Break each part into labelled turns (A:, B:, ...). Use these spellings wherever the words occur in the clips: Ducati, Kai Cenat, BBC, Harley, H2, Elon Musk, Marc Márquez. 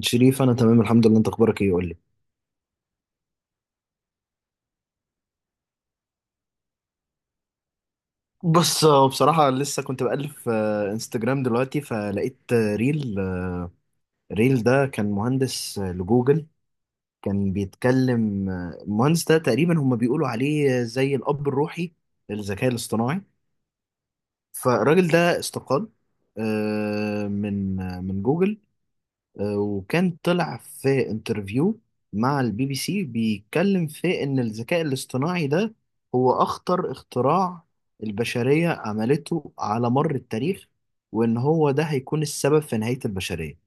A: شريف، انا تمام الحمد لله. انت اخبارك ايه؟ قول لي. بص، هو بصراحة لسه كنت بألف انستجرام دلوقتي فلقيت ريل ده كان مهندس لجوجل. كان بيتكلم المهندس ده تقريبا هم بيقولوا عليه زي الأب الروحي للذكاء الاصطناعي. فالراجل ده استقال من جوجل. وكان طلع في انترفيو مع البي بي سي، بيتكلم في ان الذكاء الاصطناعي ده هو اخطر اختراع البشرية عملته على مر التاريخ، وان هو ده هيكون السبب في نهاية البشرية.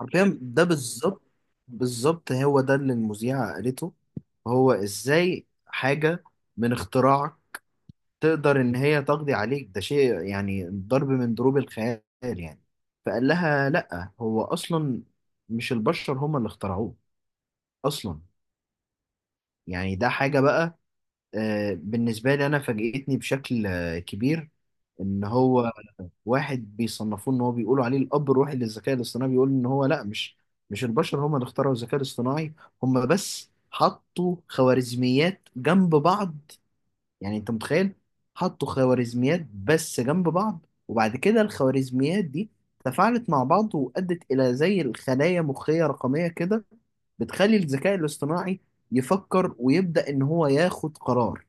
A: حرفيا ده بالظبط. بالظبط هو ده اللي المذيعة قالته. هو ازاي حاجة من اختراع تقدر ان هي تقضي عليك؟ ده شيء يعني ضرب من ضروب الخيال يعني. فقال لها لا، هو اصلا مش البشر هم اللي اخترعوه اصلا. يعني ده حاجة بقى، بالنسبة لي انا فاجئتني بشكل كبير. ان هو واحد بيصنفوه، ان هو بيقولوا عليه الاب الروحي للذكاء الاصطناعي، بيقول ان هو لا، مش البشر هم اللي اخترعوا الذكاء الاصطناعي. هم بس حطوا خوارزميات جنب بعض. يعني انت متخيل؟ حطوا خوارزميات بس جنب بعض، وبعد كده الخوارزميات دي تفاعلت مع بعض وأدت إلى زي الخلايا مخية رقمية كده بتخلي الذكاء الاصطناعي يفكر ويبدأ إن هو ياخد قرار.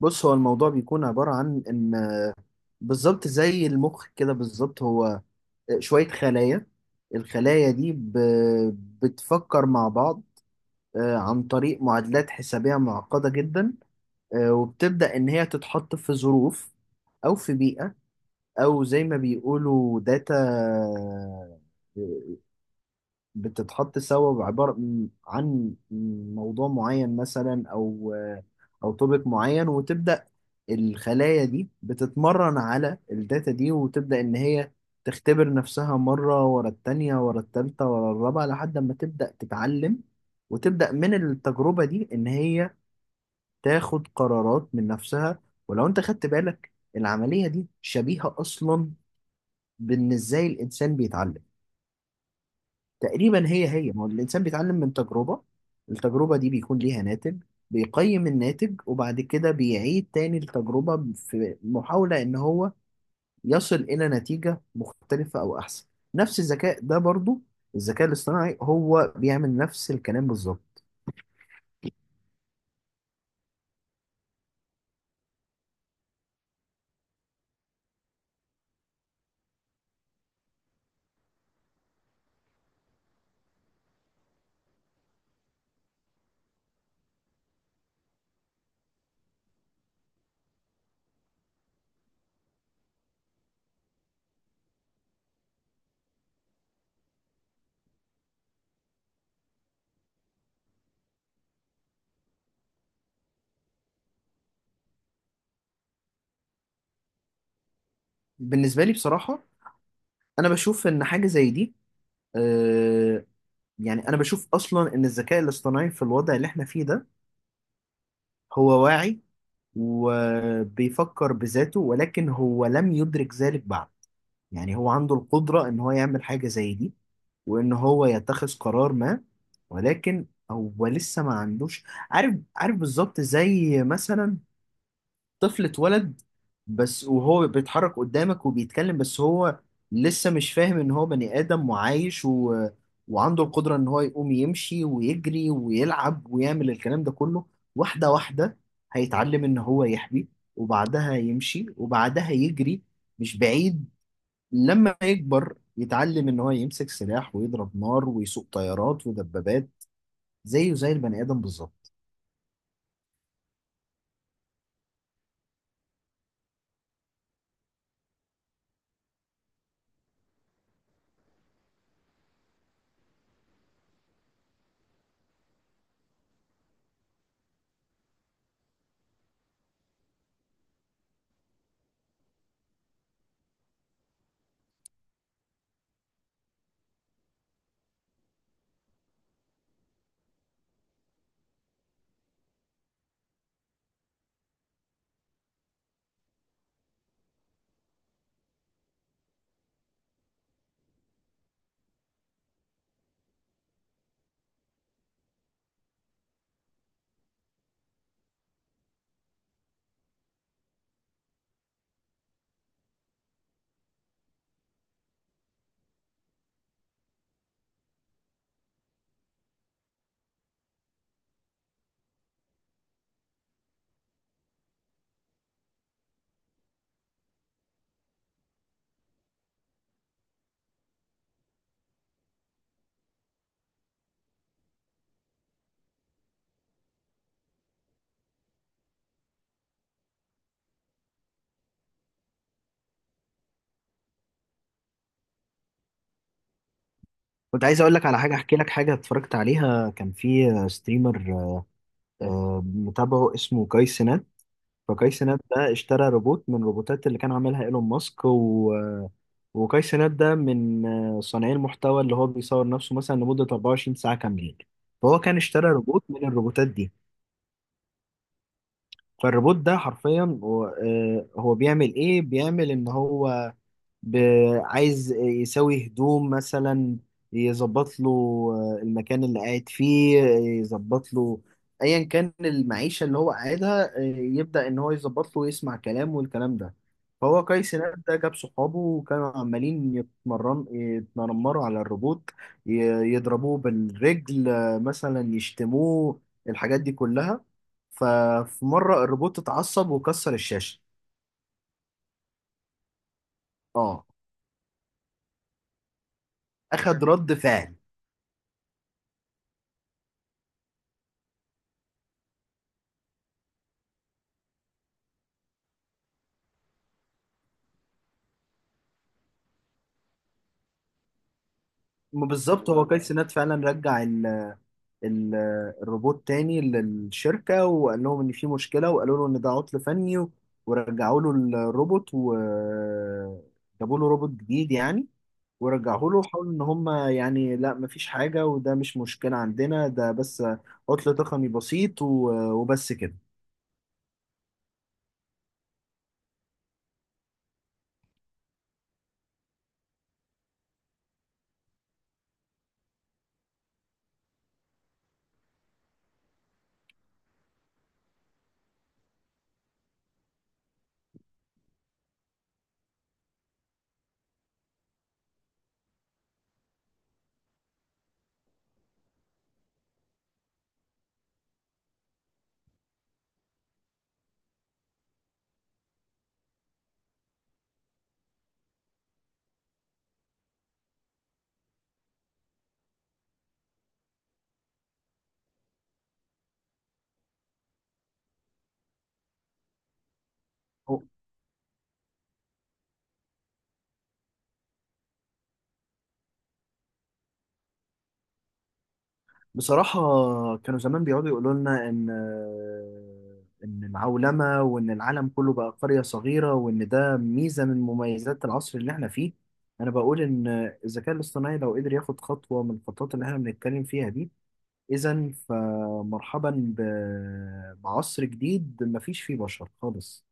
A: بص، هو الموضوع بيكون عبارة عن إن بالظبط زي المخ كده. بالظبط هو شوية خلايا، الخلايا دي بتفكر مع بعض عن طريق معادلات حسابية معقدة جدا. وبتبدأ إن هي تتحط في ظروف، أو في بيئة، أو زي ما بيقولوا داتا، بتتحط سوا بعبارة عن موضوع معين مثلا، أو توبيك معين، وتبدأ الخلايا دي بتتمرن على الداتا دي، وتبدأ إن هي تختبر نفسها مرة ورا التانية ورا التالتة ورا الرابعة لحد ما تبدأ تتعلم. وتبدأ من التجربة دي إن هي تاخد قرارات من نفسها. ولو انت خدت بالك، العملية دي شبيهة اصلا بان ازاي الانسان بيتعلم. تقريبا هي هي، ما هو الانسان بيتعلم من تجربة، التجربة دي بيكون ليها ناتج، بيقيم الناتج وبعد كده بيعيد تاني التجربة في محاولة ان هو يصل الى نتيجة مختلفة او احسن. نفس الذكاء ده برضو الذكاء الاصطناعي، هو بيعمل نفس الكلام بالظبط. بالنسبة لي بصراحة، انا بشوف ان حاجة زي دي، آه، يعني انا بشوف اصلا ان الذكاء الاصطناعي في الوضع اللي احنا فيه ده هو واعي وبيفكر بذاته، ولكن هو لم يدرك ذلك بعد. يعني هو عنده القدرة ان هو يعمل حاجة زي دي، وان هو يتخذ قرار ما، ولكن هو لسه ما عندوش. عارف، عارف بالظبط. زي مثلا طفل اتولد بس، وهو بيتحرك قدامك وبيتكلم، بس هو لسه مش فاهم ان هو بني ادم وعايش و... وعنده القدرة ان هو يقوم يمشي ويجري ويلعب ويعمل الكلام ده كله. واحدة واحدة، هيتعلم ان هو يحبي، وبعدها يمشي، وبعدها يجري. مش بعيد لما يكبر يتعلم ان هو يمسك سلاح ويضرب نار ويسوق طيارات ودبابات، زيه زي البني ادم بالظبط. كنت عايز اقول لك على حاجة، احكي لك حاجة اتفرجت عليها. كان في ستريمر متابعه اسمه كاي سينات. فكاي سينات ده اشترى روبوت من الروبوتات اللي كان عاملها ايلون ماسك، و... وكاي سينات ده من صانعي المحتوى اللي هو بيصور نفسه مثلا لمدة 24 ساعة كاملين. فهو كان اشترى روبوت من الروبوتات دي. فالروبوت ده حرفيا هو بيعمل ايه؟ بيعمل ان هو عايز يسوي هدوم مثلا، يظبط له المكان اللي قاعد فيه، يظبط له ايا كان المعيشة اللي هو قاعدها، يبدأ ان هو يظبط له ويسمع كلام والكلام ده. فهو قيس هناك ده جاب صحابه، وكانوا عمالين يتنمروا على الروبوت، ي- يضربوه بالرجل مثلا، يشتموه، الحاجات دي كلها. ففي مرة الروبوت اتعصب وكسر الشاشة. اه، اخد رد فعل. ما بالظبط، هو كايس سينات فعلا رجع ال الروبوت تاني للشركة وقال لهم إن في مشكلة، وقالوا له إن ده عطل فني ورجعوا له الروبوت وجابوا له روبوت جديد يعني. ورجعوا له وحاولوا إن هم، يعني لا مفيش حاجة وده مش مشكلة عندنا، ده بس عطل تقني بسيط وبس كده. بصراحة، كانوا زمان بيقعدوا يقولوا لنا إن العولمة، وإن العالم كله بقى قرية صغيرة، وإن ده ميزة من مميزات العصر اللي إحنا فيه، أنا بقول إن الذكاء الاصطناعي لو قدر ياخد خطوة من الخطوات اللي إحنا بنتكلم فيها دي، إذا فمرحبا بعصر جديد مفيش فيه بشر خالص،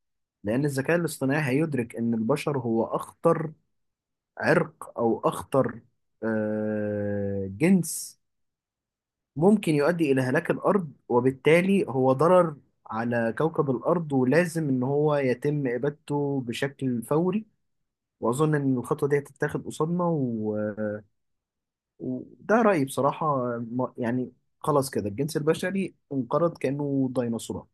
A: لأن الذكاء الاصطناعي هيدرك إن البشر هو أخطر عرق، أو أخطر جنس، ممكن يؤدي إلى هلاك الأرض، وبالتالي هو ضرر على كوكب الأرض، ولازم إن هو يتم إبادته بشكل فوري. وأظن إن الخطوة دي هتتاخد قصادنا، و... وده رأيي بصراحة، يعني خلاص كده الجنس البشري انقرض كأنه ديناصورات.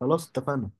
A: خلاص اتفقنا.